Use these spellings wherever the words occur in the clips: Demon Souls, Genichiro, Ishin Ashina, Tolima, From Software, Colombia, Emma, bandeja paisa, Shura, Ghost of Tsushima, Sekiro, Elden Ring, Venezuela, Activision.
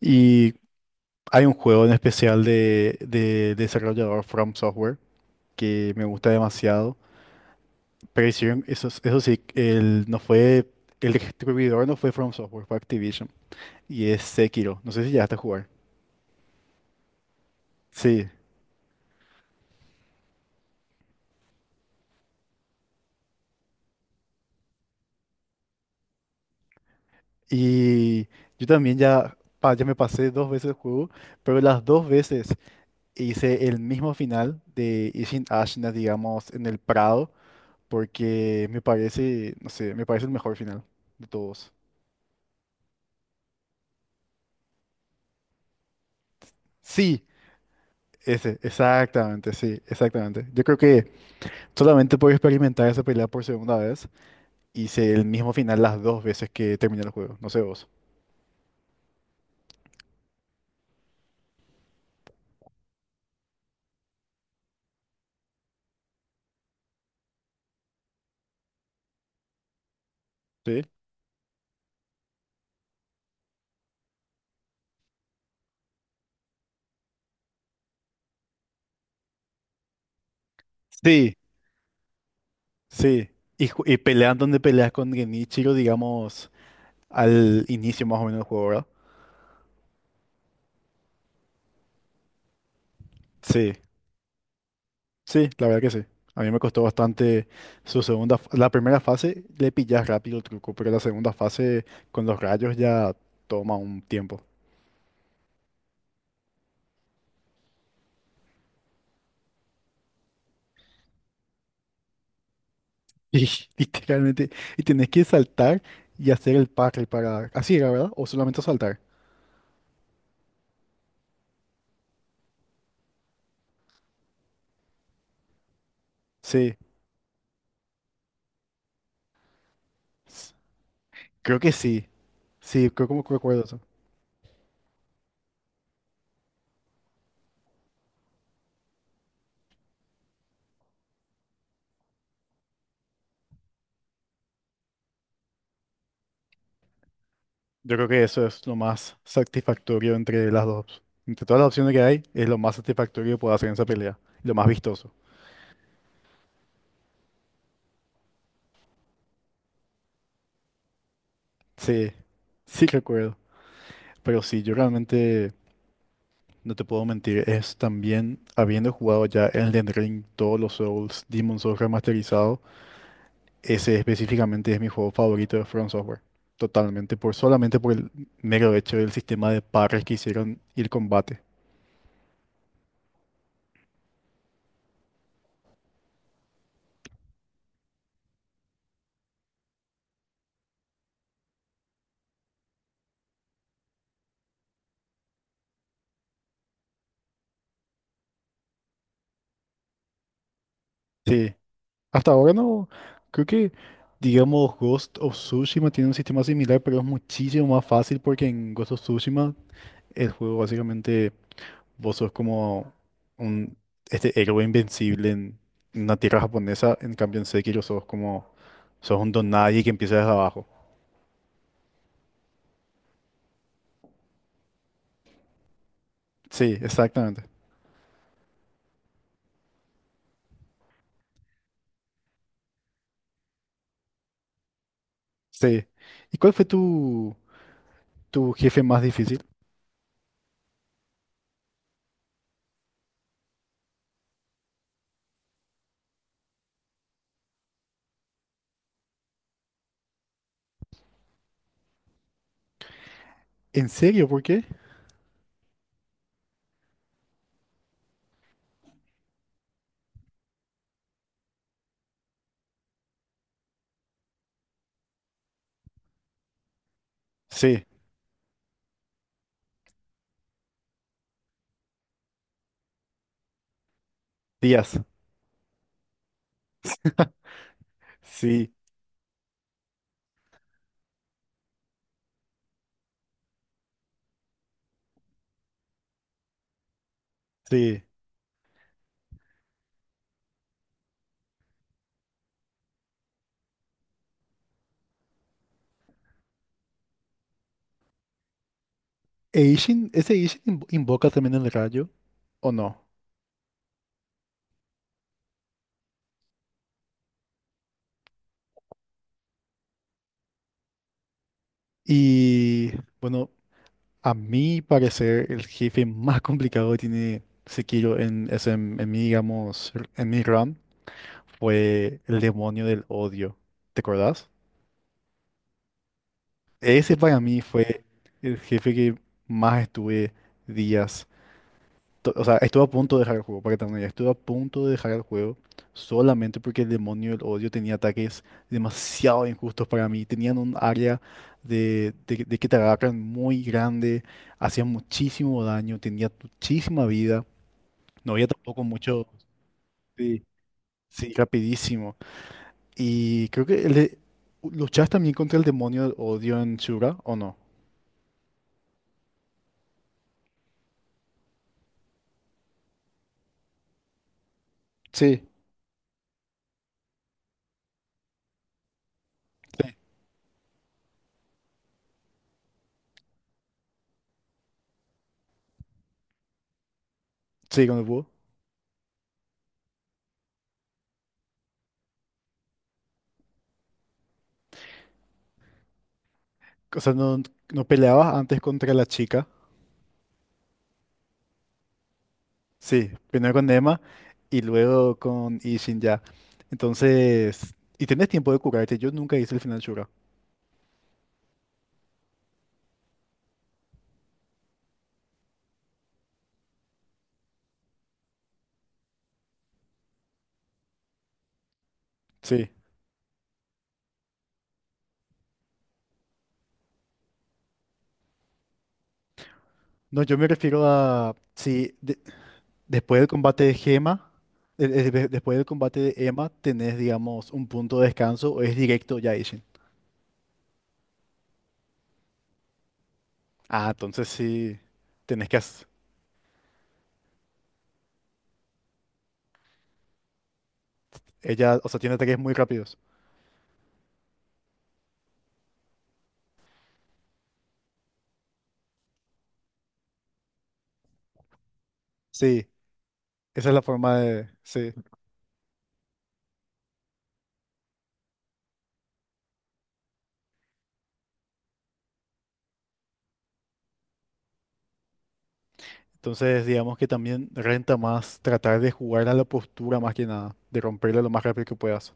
Y hay un juego en especial de desarrollador From Software que me gusta demasiado. Pero hicieron, eso sí, no fue, el distribuidor no fue From Software, fue Activision. Y es Sekiro. No sé si ya a jugar. Sí. Y yo también ya, ya me pasé dos veces el juego, pero las dos veces hice el mismo final de Ishin Ashina, digamos, en el Prado, porque me parece, no sé, me parece el mejor final de todos. Sí, ese, exactamente, sí, exactamente. Yo creo que solamente puedo experimentar esa pelea por segunda vez y sé el mismo final las dos veces que terminé el juego. No sé vos. ¿Sí? Sí, sí. Y, y pelean donde peleas con Genichiro, digamos, al inicio más o menos del juego, ¿verdad? Sí, sí, la verdad que sí. A mí me costó bastante su La primera fase le pillas rápido el truco, pero la segunda fase con los rayos ya toma un tiempo. Y literalmente, y tenés que saltar y hacer el parry para... Así era, ¿verdad? O solamente saltar. Sí, s- creo que sí. Sí, creo como que recuerdo eso. Yo creo que eso es lo más satisfactorio entre las dos. Entre todas las opciones que hay, es lo más satisfactorio que puedo hacer en esa pelea. Y lo más vistoso. Sí, sí recuerdo. Pero sí, yo realmente no te puedo mentir. Es también habiendo jugado ya Elden Ring, todos los Souls, Demon Souls remasterizado. Ese específicamente es mi juego favorito de From Software. Totalmente, por, solamente por el mero hecho del sistema de parries que hicieron y el combate. Sí, hasta ahora no. Creo que, digamos, Ghost of Tsushima tiene un sistema similar, pero es muchísimo más fácil porque en Ghost of Tsushima el juego básicamente vos sos como un héroe invencible en una tierra japonesa. En cambio, en Sekiro sos como sos un don nadie que empieza desde abajo. Sí, exactamente. Sí. ¿Y cuál fue tu jefe más difícil? ¿En serio? ¿Por qué? Sí, Díaz. Sí, sí. E ¿ese Ishin invoca también el rayo o no? Y bueno, a mi parecer, el jefe más complicado que tiene Sekiro en mi, digamos, en mi run fue el demonio del odio. ¿Te acordás? Ese para mí fue el jefe que más estuve días. O sea, estuve a punto de dejar el juego, para que también estuve a punto de dejar el juego solamente porque el demonio del odio tenía ataques demasiado injustos para mí. Tenían un área de que te agarran muy grande, hacían muchísimo daño, tenía muchísima vida. No había tampoco mucho. Sí, sí, rapidísimo. Y creo que luchas también contra el demonio del odio en Shura, ¿o no? Sí, sí, sí, con el búho. O sea, no peleabas antes contra la chica. Sí, primero con Emma y luego con Ishin ya. Entonces, y tenés tiempo de curarte. Yo nunca hice el final Shura. Sí. No, yo me refiero a si de- después del combate de Gema, de- después del combate de Emma, tenés, digamos, un punto de descanso o es directo ya Ishin. Ah, entonces sí, tenés que hacer. Ella, o sea, tiene ataques muy rápidos. Sí, esa es la forma de. Sí. Entonces, digamos que también renta más tratar de jugar a la postura más que nada, de romperla lo más rápido que puedas.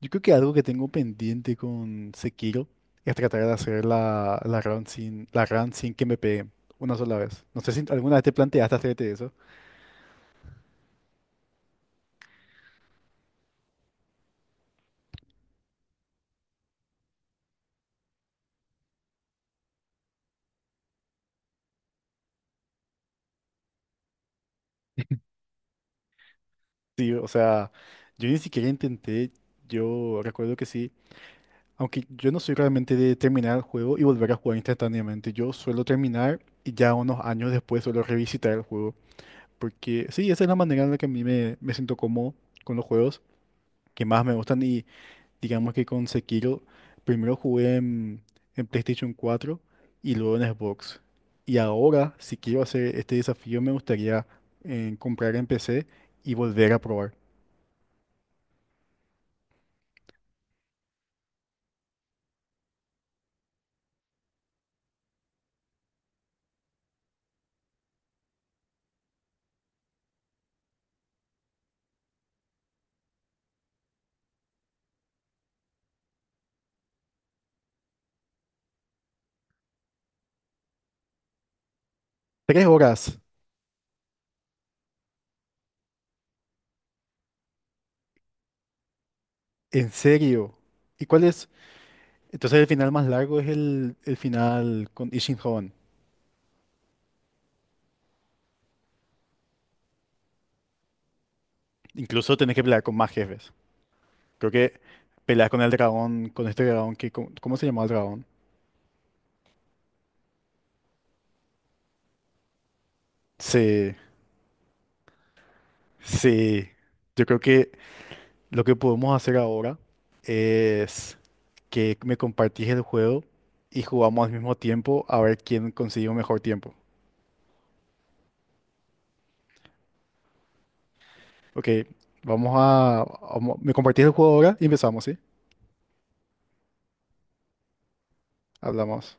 Yo creo que algo que tengo pendiente con Sekiro es tratar de hacer la run sin que me peguen una sola vez. No sé si alguna vez te planteaste hacerte eso. Sí, o sea, yo ni siquiera intenté, yo recuerdo que sí, aunque yo no soy realmente de terminar el juego y volver a jugar instantáneamente, yo suelo terminar y ya unos años después suelo revisitar el juego, porque sí, esa es la manera en la que a me siento cómodo con los juegos que más me gustan. Y digamos que con Sekiro primero jugué en PlayStation 4 y luego en Xbox. Y ahora, si quiero hacer este desafío, me gustaría comprar en PC y volver a probar. Tres horas, ¿en serio? ¿Y cuál es? Entonces el final más largo es el final con Ishinhan. Incluso tenés que pelear con más jefes. Creo que peleas con el dragón, con este dragón que... cómo se llama el dragón? Sí, sí. Yo creo que lo que podemos hacer ahora es que me compartís el juego y jugamos al mismo tiempo a ver quién consigue un mejor tiempo. Ok, vamos a... me compartís el juego ahora y empezamos, ¿sí? Hablamos.